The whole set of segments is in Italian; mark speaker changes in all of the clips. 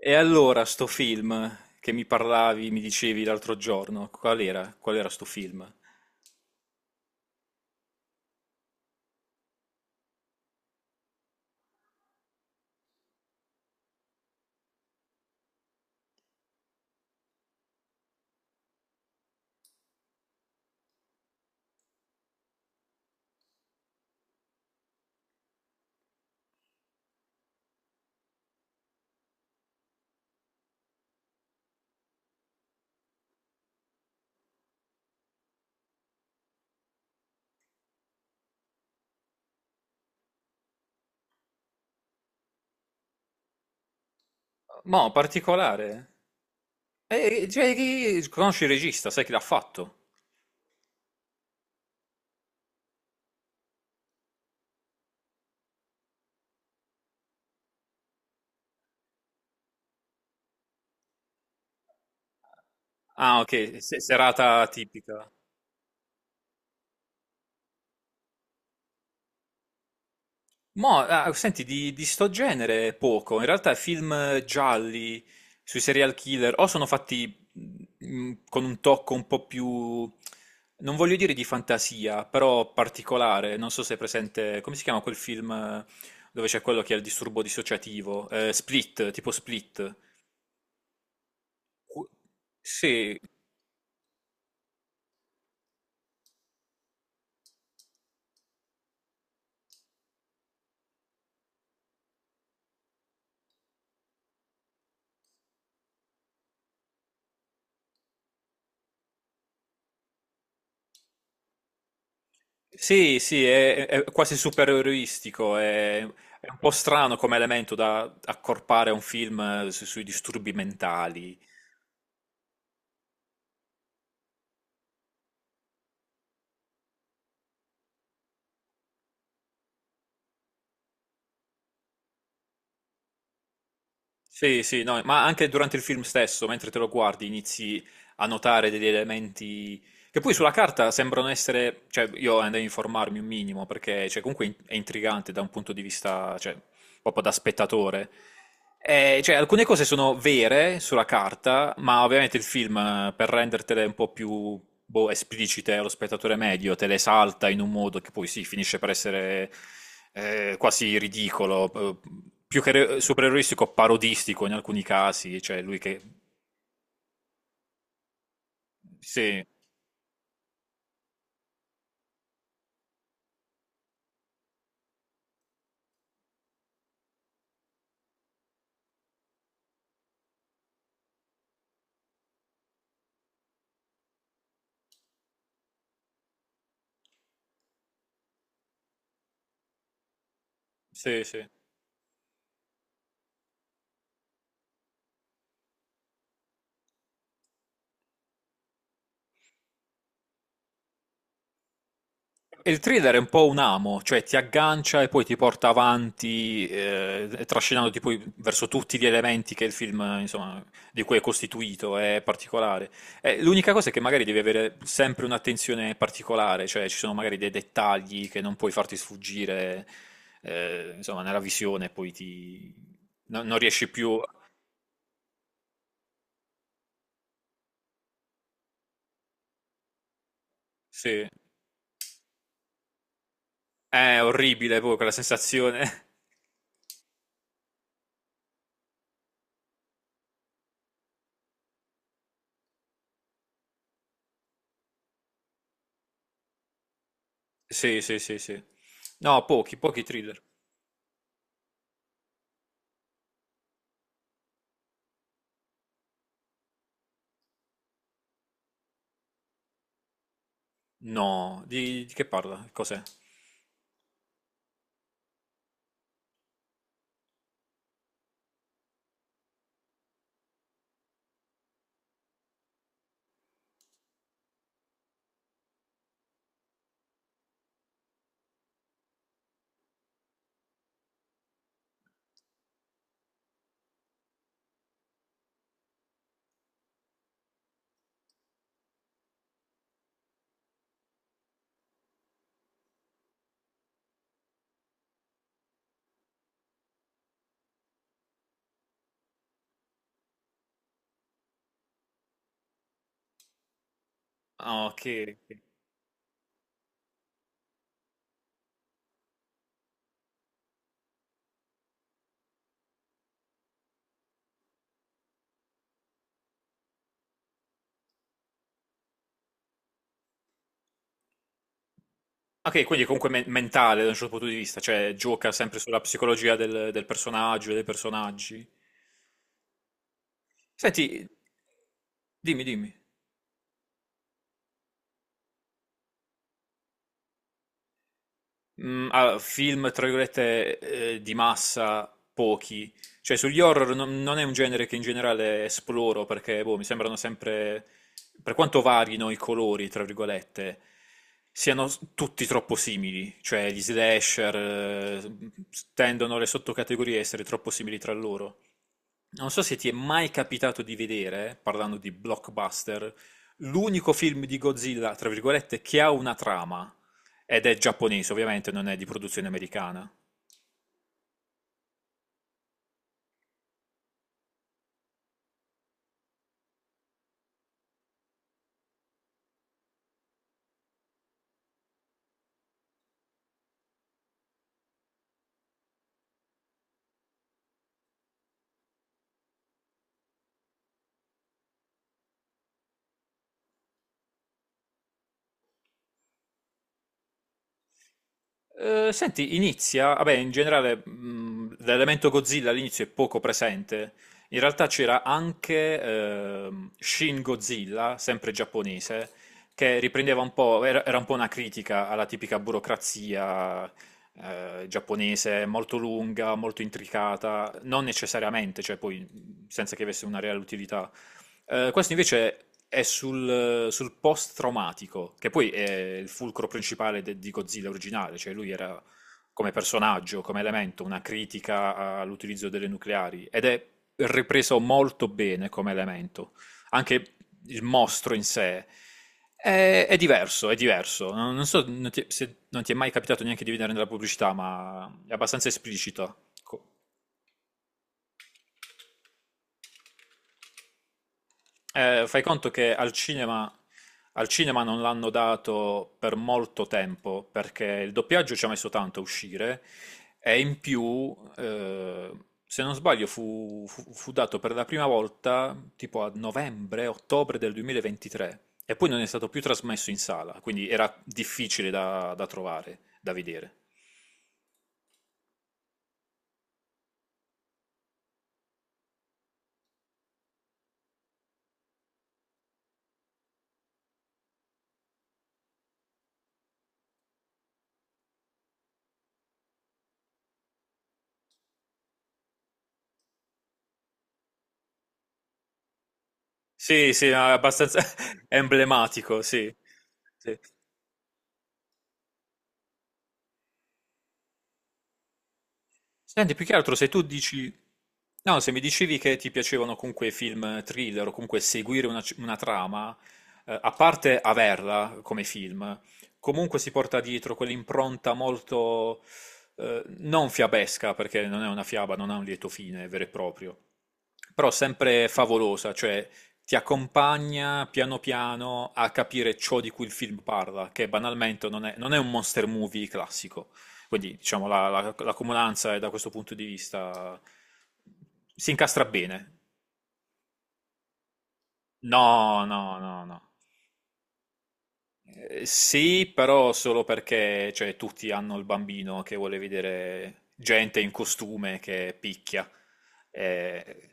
Speaker 1: E allora sto film che mi parlavi, mi dicevi l'altro giorno, qual era? Qual era sto film? Mo, particolare. Cioè, conosci il regista, sai chi l'ha fatto? Ah, ok, serata tipica. Mo, ah, senti, di sto genere poco. In realtà film gialli sui serial killer o sono fatti mm, con un tocco un po' più, non voglio dire di fantasia, però particolare. Non so se è presente, come si chiama quel film dove c'è quello che ha il disturbo dissociativo? Split, tipo Split. Qu- Sì, sì, sì, è quasi supereroistico. È un po' strano come elemento da accorpare a un film sui disturbi mentali. Sì, sì, no, ma anche durante il film stesso, mentre te lo guardi, inizi a notare degli elementi che poi sulla carta sembrano essere, cioè io andai a informarmi un minimo perché cioè, comunque è intrigante da un punto di vista, cioè, proprio da spettatore. Cioè, alcune cose sono vere sulla carta, ma ovviamente il film, per rendertele un po' più boh, esplicite allo spettatore medio, te le salta in un modo che poi sì, finisce per essere quasi ridicolo, più che supereroistico, parodistico in alcuni casi. Cioè, lui che... Sì, sì, sì. E il thriller è un po' un amo, cioè ti aggancia e poi ti porta avanti, trascinandoti poi verso tutti gli elementi che il film, insomma, di cui è costituito, è particolare. L'unica cosa è che magari devi avere sempre un'attenzione particolare, cioè ci sono magari dei dettagli che non puoi farti sfuggire, insomma, nella visione, poi ti... no- non riesci più. Sì. È orribile poi quella sensazione. Sì, sì, sì, sì. No, pochi, pochi thriller. No, di che parla? Cos'è? Ah, ok. Ok. Ok, quindi è comunque mentale da un certo punto di vista, cioè gioca sempre sulla psicologia del personaggio e dei personaggi. Senti, dimmi, dimmi. Mm, allora, film, tra virgolette, di massa, pochi. Cioè, sugli horror non è un genere che in generale esploro perché, boh, mi sembrano sempre, per quanto varino i colori, tra virgolette, siano tutti troppo simili. Cioè, gli slasher, tendono le sottocategorie a essere troppo simili tra loro. Non so se ti è mai capitato di vedere, parlando di blockbuster, l'unico film di Godzilla, tra virgolette, che ha una trama ed è giapponese, ovviamente non è di produzione americana. Senti, inizia, vabbè, in generale l'elemento Godzilla all'inizio è poco presente. In realtà c'era anche Shin Godzilla, sempre giapponese, che riprendeva un po', era un po' una critica alla tipica burocrazia giapponese, molto lunga, molto intricata, non necessariamente, cioè poi senza che avesse una reale utilità. Questo invece è sul post-traumatico, che poi è il fulcro principale di Godzilla originale, cioè lui era come personaggio, come elemento, una critica all'utilizzo delle nucleari ed è ripreso molto bene come elemento. Anche il mostro in sé è diverso, è diverso. Non so non ti- se non ti è mai capitato neanche di vedere nella pubblicità, ma è abbastanza esplicito. Fai conto che al cinema non l'hanno dato per molto tempo, perché il doppiaggio ci ha messo tanto a uscire, e in più, se non sbaglio, fu dato per la prima volta tipo a novembre, ottobre del 2023, e poi non è stato più trasmesso in sala, quindi era difficile da trovare, da vedere. Sì, sì, è abbastanza emblematico, sì. Sì. Senti, più che altro se tu dici... No, se mi dicevi che ti piacevano comunque i film thriller o comunque seguire una trama, a parte averla come film, comunque si porta dietro quell'impronta molto... non fiabesca, perché non è una fiaba, non ha un lieto fine vero e proprio, però sempre favolosa, cioè ti accompagna piano piano a capire ciò di cui il film parla, che banalmente non è un monster movie classico. Quindi diciamo la comunanza è da questo punto di vista si incastra bene. No, no, no, no. Sì, però solo perché cioè, tutti hanno il bambino che vuole vedere gente in costume che picchia. Eh,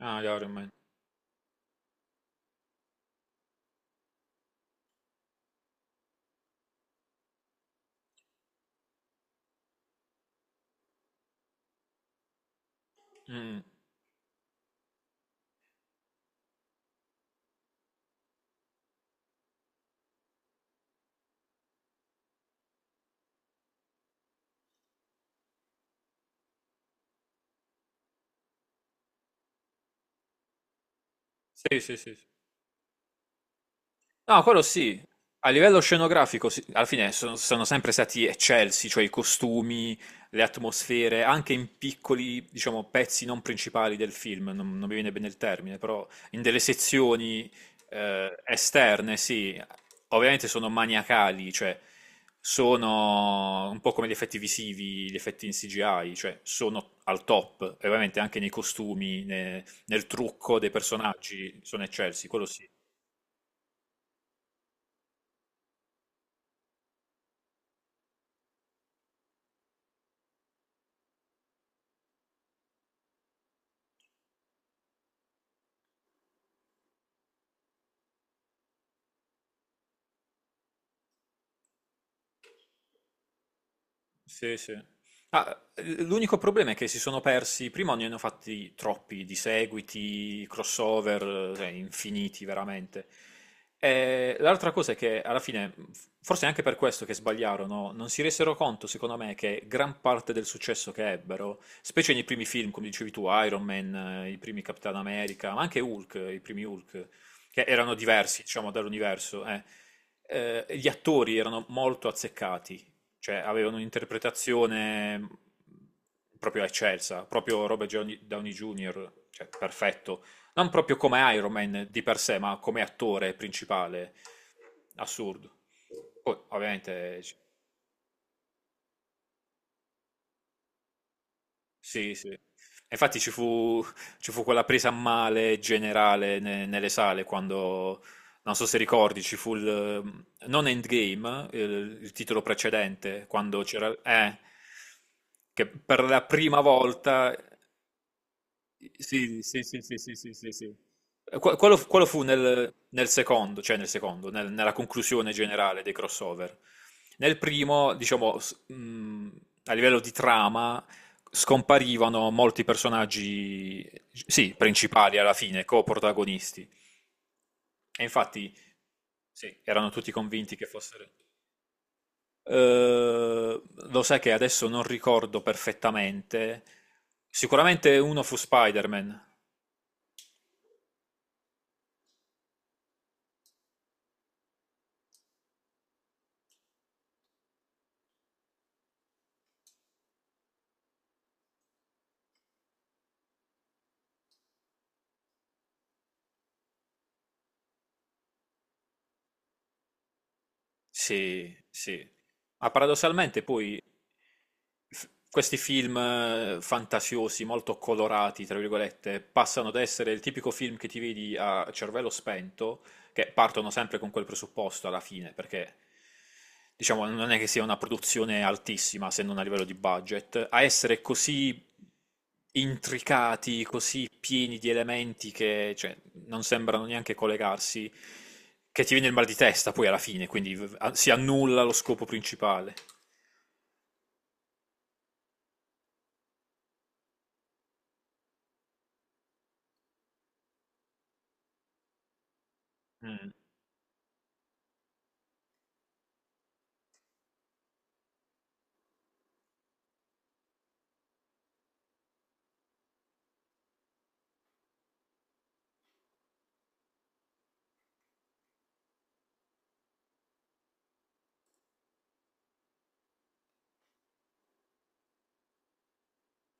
Speaker 1: Ah, gli Iron Man. Mm. Sì, sì, sì. Sì. No, quello sì. A livello scenografico, sì, alla fine sono sempre stati eccelsi, cioè i costumi, le atmosfere, anche in piccoli, diciamo, pezzi non principali del film, non mi viene bene il termine, però in delle sezioni esterne, sì, ovviamente sono maniacali, cioè sono un po' come gli effetti visivi, gli effetti in CGI, cioè sono al top, e ovviamente anche nei costumi, nel trucco dei personaggi sono eccelsi, quello sì. Sì, sì. Ah, l'unico problema è che si sono persi, prima ne hanno fatti troppi di seguiti, crossover, cioè, infiniti veramente. E l'altra cosa è che alla fine, forse è anche per questo che sbagliarono, non si resero conto, secondo me, che gran parte del successo che ebbero, specie nei primi film, come dicevi tu, Iron Man, i primi Capitan America, ma anche Hulk, i primi Hulk, che erano diversi, diciamo, dall'universo, gli attori erano molto azzeccati. Cioè, avevano un'interpretazione proprio eccelsa, proprio Robert Downey Jr., cioè, perfetto. Non proprio come Iron Man di per sé, ma come attore principale, assurdo. Poi, ovviamente, sì, sì. Infatti ci fu quella presa a male generale nelle sale quando, non so se ricordi, ci fu il, non Endgame, il titolo precedente, quando c'era... che per la prima volta sì, sì, sì, sì, sì, sì, sì, sì. Quello fu nel secondo, cioè nel secondo, nella conclusione generale dei crossover. Nel primo, diciamo, a livello di trama, scomparivano molti personaggi, sì, principali alla fine, co-protagonisti. E infatti, sì, erano tutti convinti che fossero... Eh, lo sai che adesso non ricordo perfettamente. Sicuramente uno fu Spider-Man. Sì, sì. Ma paradossalmente poi questi film fantasiosi, molto colorati, tra virgolette, passano da essere il tipico film che ti vedi a cervello spento, che partono sempre con quel presupposto alla fine, perché diciamo non è che sia una produzione altissima se non a livello di budget, a essere così intricati, così pieni di elementi che cioè, non sembrano neanche collegarsi, che ti viene il mal di testa poi alla fine, quindi si annulla lo scopo principale. Mm.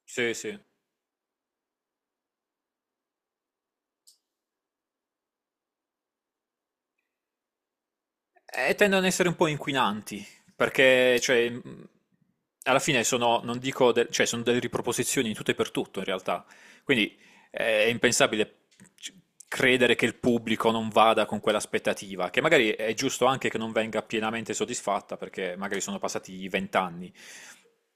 Speaker 1: Sì, sì. E tendono ad essere un po' inquinanti, perché, cioè, alla fine sono, non dico, cioè, sono delle riproposizioni in tutto e per tutto, in realtà. Quindi è impensabile c- credere che il pubblico non vada con quell'aspettativa, che magari è giusto anche che non venga pienamente soddisfatta, perché magari sono passati 20 anni,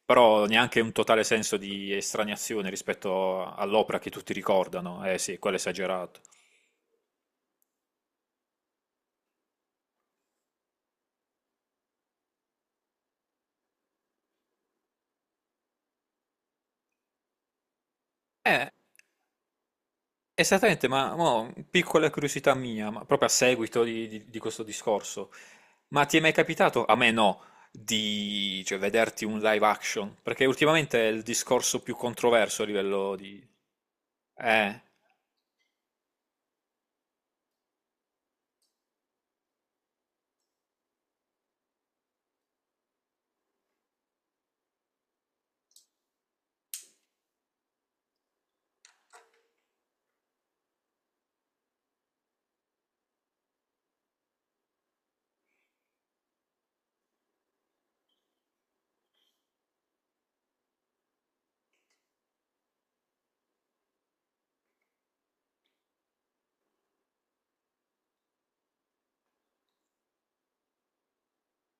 Speaker 1: però neanche un totale senso di estraniazione rispetto all'opera che tutti ricordano. Eh sì, quello è esagerato. Eh, Esattamente, ma mo, piccola curiosità mia, ma proprio a seguito di, di questo discorso, ma ti è mai capitato, a me no, di cioè, vederti un live action? Perché ultimamente è il discorso più controverso a livello di... Eh?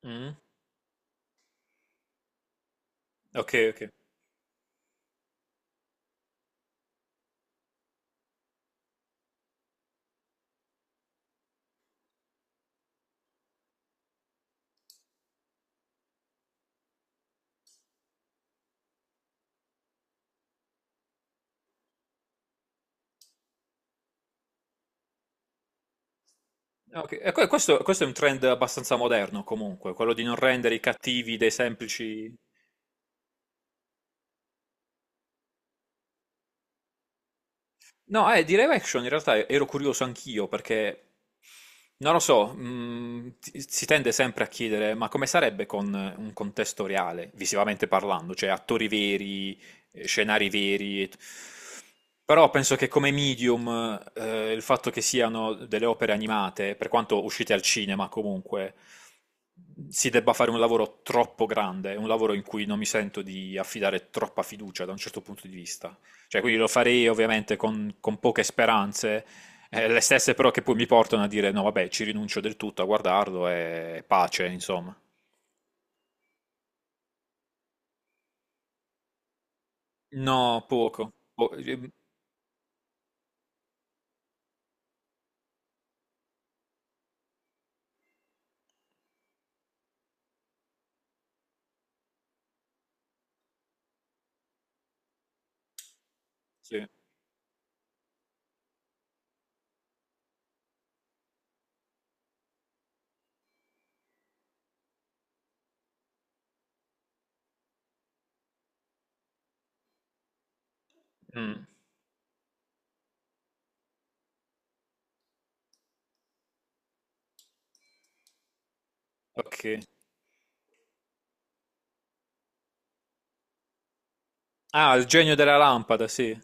Speaker 1: Mm? Ok, ok. Ok, e questo è un trend abbastanza moderno comunque, quello di non rendere i cattivi dei semplici... No, di live action in realtà ero curioso anch'io perché, non lo so, si tende sempre a chiedere, ma come sarebbe con un contesto reale, visivamente parlando, cioè attori veri, scenari veri. Però penso che come medium, il fatto che siano delle opere animate, per quanto uscite al cinema comunque, si debba fare un lavoro troppo grande, un lavoro in cui non mi sento di affidare troppa fiducia da un certo punto di vista. Cioè, quindi lo farei ovviamente con, poche speranze, le stesse però che poi mi portano a dire no, vabbè, ci rinuncio del tutto a guardarlo e pace, insomma. No, poco. Sì. Mm, ok. Ah, il genio della lampada, sì.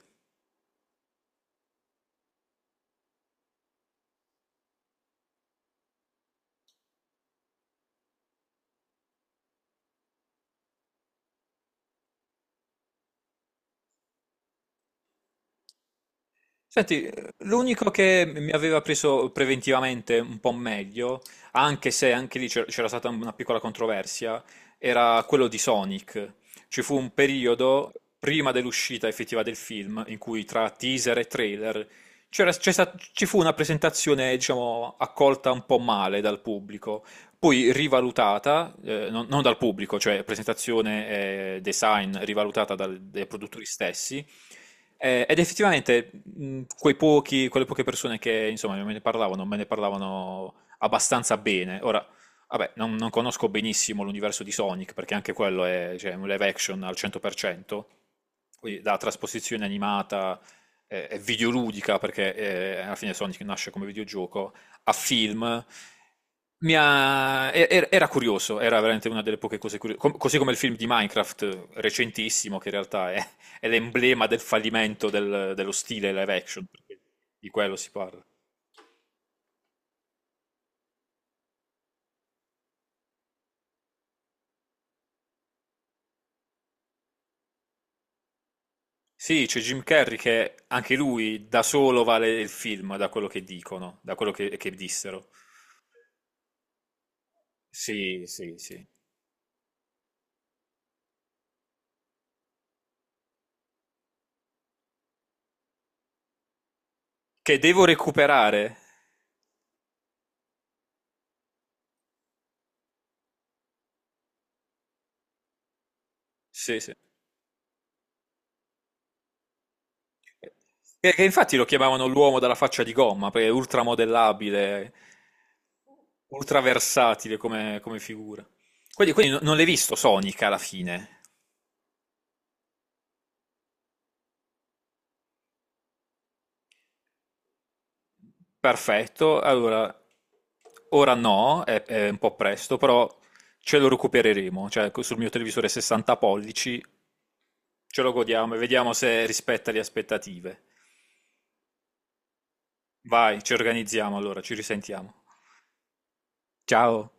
Speaker 1: Senti, l'unico che mi aveva preso preventivamente un po' meglio, anche se anche lì c'era stata una piccola controversia, era quello di Sonic. Ci fu un periodo prima dell'uscita effettiva del film in cui tra teaser e trailer ci fu una presentazione, diciamo, accolta un po' male dal pubblico, poi rivalutata, non dal pubblico, cioè presentazione e design rivalutata dai produttori stessi. Ed effettivamente quei pochi, quelle poche persone che insomma me ne parlavano abbastanza bene. Ora, vabbè, non conosco benissimo l'universo di Sonic, perché anche quello è cioè, un live action al 100%, quindi da trasposizione animata e videoludica, perché alla fine Sonic nasce come videogioco a film, mi ha- e- era curioso, era veramente una delle poche cose curiose, così come il film di Minecraft recentissimo, che in realtà è l'emblema del fallimento dello stile live action, perché di quello si parla. Sì, c'è Jim Carrey che anche lui da solo vale il film, da quello che dicono, da quello che dissero. Sì, sì, sì. Che devo recuperare. Sì, sì. Che infatti lo chiamavano l'uomo dalla faccia di gomma, perché è ultramodellabile, ultraversatile come figura. Quindi non l'hai visto Sonic alla fine. Perfetto, allora, ora no, è un po' presto, però ce lo recupereremo, cioè sul mio televisore 60 pollici ce lo godiamo e vediamo se rispetta le aspettative. Vai, ci organizziamo allora, ci risentiamo. Ciao.